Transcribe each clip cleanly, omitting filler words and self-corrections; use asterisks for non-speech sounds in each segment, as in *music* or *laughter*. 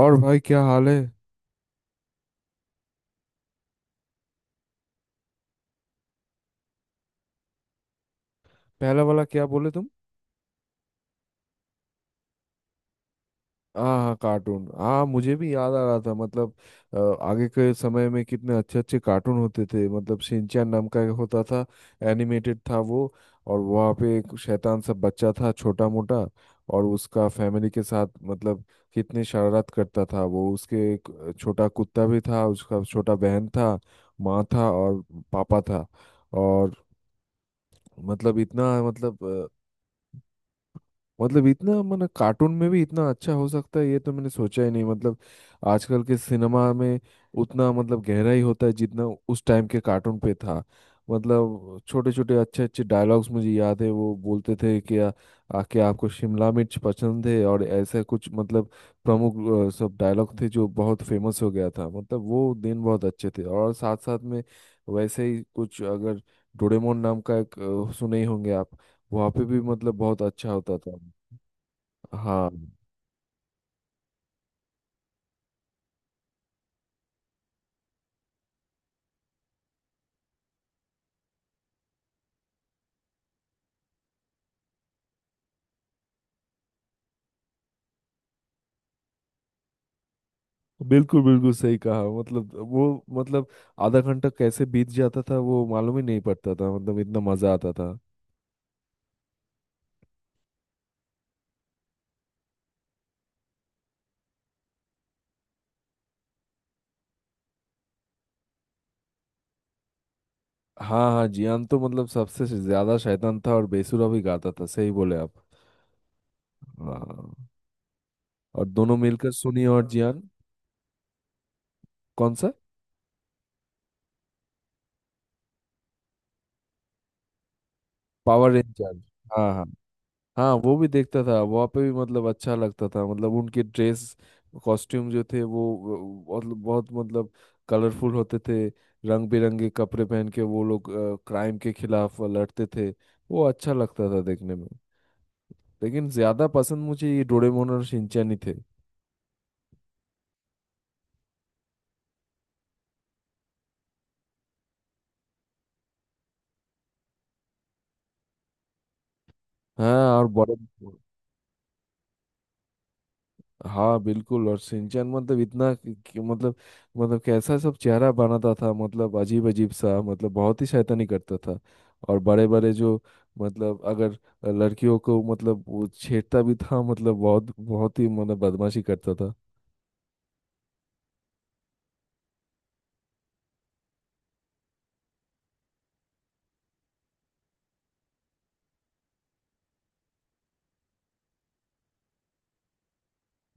और भाई क्या हाल है। पहला वाला क्या बोले तुम? हाँ हाँ, कार्टून। हाँ, मुझे भी याद आ रहा था। मतलब अ, आगे के समय में कितने अच्छे अच्छे कार्टून होते थे। मतलब शिनचैन नाम का एक होता था। एनिमेटेड था वो। और वहाँ पे एक शैतान सा बच्चा था, छोटा मोटा। और उसका फैमिली के साथ मतलब कितनी शरारत करता था वो। उसके एक छोटा कुत्ता भी था, उसका छोटा बहन था, माँ था और पापा था। और मतलब इतना मतलब मतलब इतना मतलब कार्टून में भी इतना अच्छा हो सकता है ये तो मैंने सोचा ही नहीं। मतलब आजकल के सिनेमा में उतना मतलब गहराई होता है जितना उस टाइम के कार्टून पे था। मतलब छोटे छोटे अच्छे अच्छे डायलॉग्स मुझे याद है। वो बोलते थे कि आ, आ, कि आपको शिमला मिर्च पसंद है और ऐसा कुछ। मतलब प्रमुख सब डायलॉग थे जो बहुत फेमस हो गया था। मतलब वो दिन बहुत अच्छे थे। और साथ साथ में वैसे ही कुछ अगर डोरेमोन नाम का एक सुने ही होंगे आप। वहाँ पे भी मतलब बहुत अच्छा होता था। हाँ, बिल्कुल बिल्कुल सही कहा। मतलब वो मतलब आधा घंटा कैसे बीत जाता था वो मालूम ही नहीं पड़ता था। मतलब इतना मजा आता था। हाँ हाँ, जियान तो मतलब सबसे ज्यादा शैतान था और बेसुरा भी गाता था। सही बोले आप। हाँ, और दोनों मिलकर सुनिए और जियान। कौन सा? Power ranger. हाँ हाँ। हाँ, वो भी देखता था। वहाँ पे भी मतलब अच्छा लगता था। मतलब उनके ड्रेस कॉस्ट्यूम जो थे बहुत बहुत मतलब कलरफुल होते थे। रंग बिरंगे कपड़े पहन के वो लोग क्राइम के खिलाफ लड़ते थे। वो अच्छा लगता था देखने में। लेकिन ज्यादा पसंद मुझे ये डोरेमोन और शिनचैन ही थे। हाँ और बड़े। हाँ बिल्कुल, और सिंचन मतलब इतना कि मतलब मतलब कैसा सब चेहरा बनाता था। मतलब अजीब अजीब सा, मतलब बहुत ही शैतानी करता था। और बड़े बड़े जो मतलब अगर लड़कियों को मतलब वो छेड़ता भी था। मतलब बहुत बहुत ही मतलब बदमाशी करता था।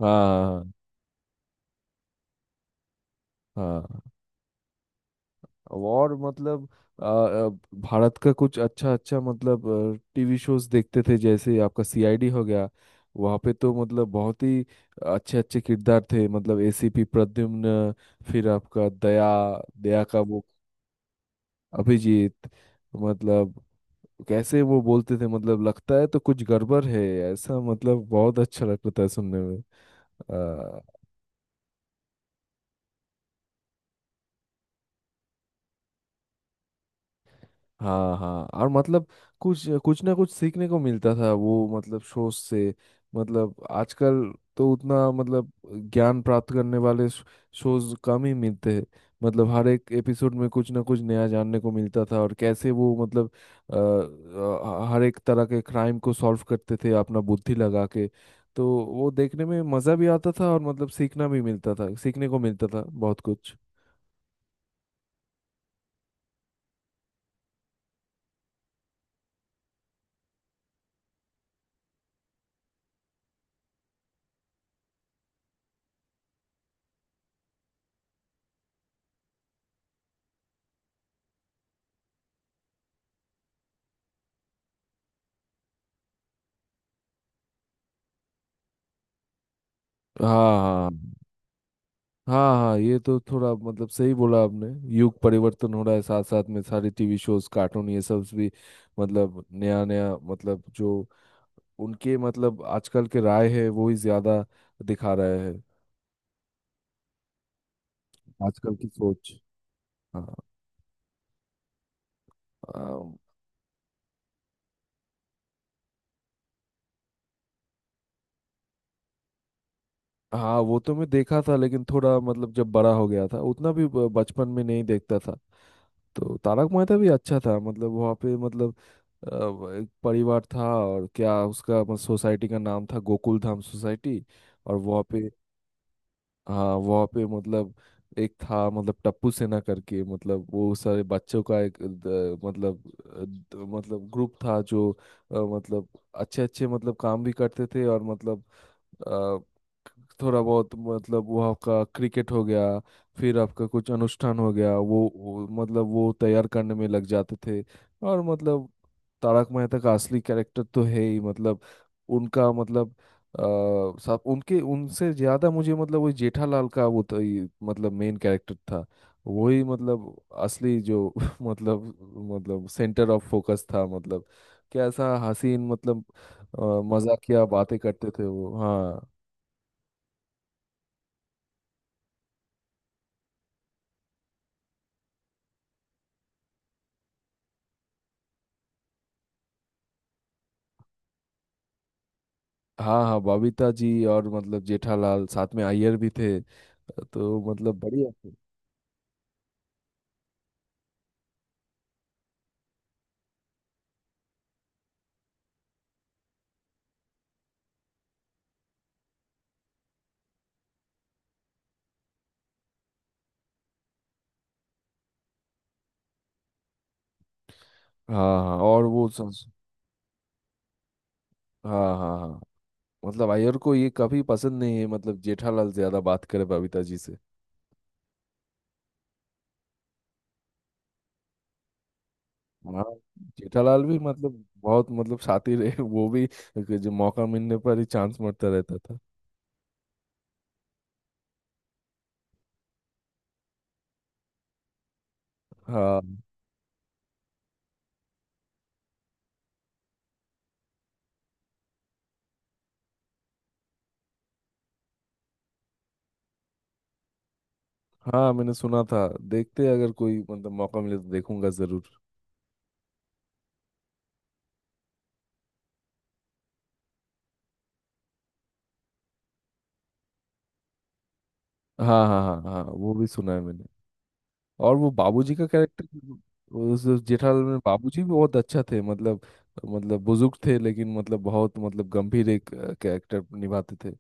हाँ हाँ हाँ हाँ। और मतलब आ, आ, भारत का कुछ अच्छा अच्छा मतलब टीवी शोज देखते थे, जैसे आपका सीआईडी हो गया। वहाँ पे तो मतलब बहुत ही अच्छे अच्छे किरदार थे। मतलब एसीपी प्रद्युम्न, फिर आपका दया, दया का वो अभिजीत। मतलब कैसे वो बोलते थे, मतलब लगता है तो कुछ गड़बड़ है, ऐसा। मतलब बहुत अच्छा लगता था सुनने में। हाँ हाँ, और मतलब कुछ कुछ ना कुछ सीखने को मिलता था वो मतलब शो से। मतलब आजकल तो उतना मतलब ज्ञान प्राप्त करने वाले शोज कम ही मिलते हैं। मतलब हर एक एपिसोड में कुछ ना कुछ नया जानने को मिलता था। और कैसे वो मतलब हर एक तरह के क्राइम को सॉल्व करते थे अपना बुद्धि लगा के। तो वो देखने में मज़ा भी आता था और मतलब सीखना भी मिलता था, सीखने को मिलता था बहुत कुछ। हाँ हाँ हाँ। हाँ ये तो थोड़ा मतलब सही बोला आपने। युग परिवर्तन हो रहा है। साथ साथ में सारे टीवी शोज कार्टून ये सब भी मतलब नया नया मतलब जो उनके मतलब आजकल के राय है वो ही ज्यादा दिखा रहे हैं। आजकल की सोच। हाँ। अम, हाँ, वो तो मैं देखा था लेकिन थोड़ा मतलब जब बड़ा हो गया था, उतना भी बचपन में नहीं देखता था। तो तारक मेहता भी अच्छा था। मतलब वहाँ पे मतलब एक परिवार था। और क्या उसका मतलब सोसाइटी का नाम था गोकुल धाम सोसाइटी। और वहाँ पे हाँ वहाँ पे मतलब एक था मतलब टप्पू सेना करके, मतलब वो सारे बच्चों का एक मतलब अ, द, मतलब ग्रुप था जो मतलब अच्छे अच्छे मतलब काम भी करते थे। और मतलब अ, थोड़ा बहुत मतलब वो आपका क्रिकेट हो गया, फिर आपका कुछ अनुष्ठान हो गया, वो मतलब वो तैयार करने में लग जाते थे। और मतलब तारक मेहता का असली कैरेक्टर तो है ही। मतलब उनका मतलब साहब उनके उनसे ज्यादा मुझे मतलब वही जेठालाल का वो तो मतलब मेन कैरेक्टर था। वही मतलब असली जो *laughs* मतलब मतलब सेंटर ऑफ फोकस था। मतलब कैसा हसीन, मतलब मजाकिया बातें करते थे वो। हाँ हाँ हाँ, बबीता जी और मतलब जेठालाल, साथ में अय्यर भी थे। तो मतलब बढ़िया थे। हाँ हाँ, और वो संस। हाँ हाँ हाँ। मतलब अय्यर को ये कभी पसंद नहीं है, मतलब जेठालाल ज्यादा बात करे बबीता जी से। हाँ, जेठालाल भी मतलब बहुत मतलब शातिर है *laughs* वो भी। जो मौका मिलने पर ही चांस मारता रहता था। हाँ हाँ, मैंने सुना था। देखते हैं, अगर कोई मतलब मौका मिले तो देखूंगा जरूर। हाँ हाँ हाँ हाँ, वो भी सुना है मैंने। और वो बाबूजी का कैरेक्टर, उस जेठालाल में बाबूजी भी बहुत अच्छा थे। मतलब मतलब बुजुर्ग थे, लेकिन मतलब बहुत मतलब गंभीर एक कैरेक्टर निभाते थे।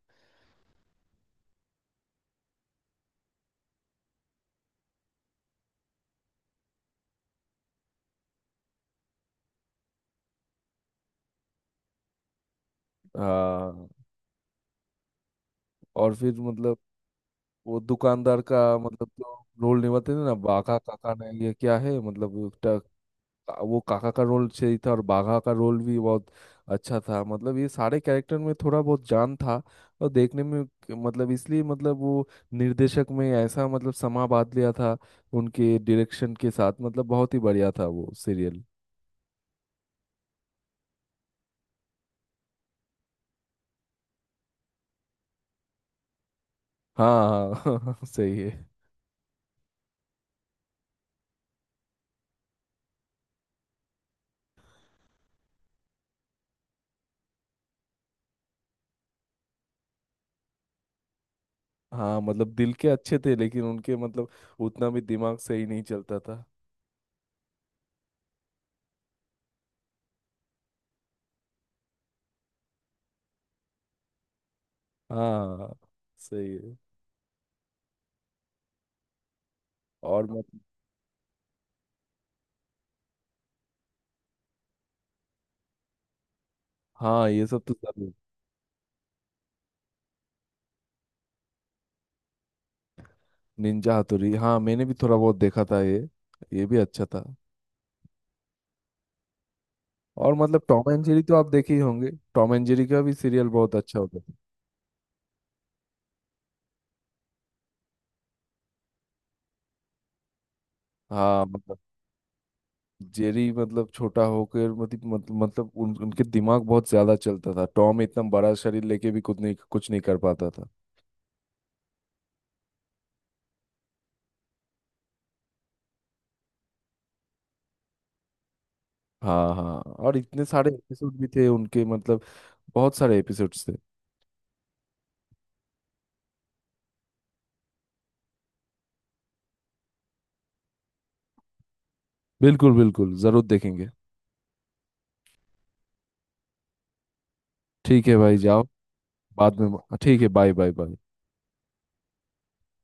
हाँ। और फिर मतलब वो दुकानदार का मतलब जो रोल निभाते थे ना बाका काका ने, ये क्या है मतलब वो काका का रोल सही था, और बाघा का रोल भी बहुत अच्छा था। मतलब ये सारे कैरेक्टर में थोड़ा बहुत जान था। और देखने में मतलब इसलिए मतलब वो निर्देशक में ऐसा मतलब समा बांध लिया था उनके डायरेक्शन के साथ। मतलब बहुत ही बढ़िया था वो सीरियल। हाँ हाँ *laughs* सही है। हाँ मतलब दिल के अच्छे थे, लेकिन उनके मतलब उतना भी दिमाग सही नहीं चलता था। हाँ, सही है। और मतलब हाँ ये सब तो। निंजा हथौड़ी, हाँ मैंने भी थोड़ा बहुत देखा था ये। ये भी अच्छा था। और मतलब टॉम एंड जेरी तो आप देखे ही होंगे। टॉम एंड जेरी का भी सीरियल बहुत अच्छा होता था। हाँ मतलब जेरी मतलब छोटा होकर मतलब मतलब मतलब उनके दिमाग बहुत ज्यादा चलता था। टॉम इतना बड़ा शरीर लेके भी कुछ नहीं कर पाता था। हाँ हाँ, और इतने सारे एपिसोड भी थे उनके। मतलब बहुत सारे एपिसोड्स थे। बिल्कुल बिल्कुल, जरूर देखेंगे। ठीक है भाई, जाओ। बाद में, ठीक है। Bye bye bye.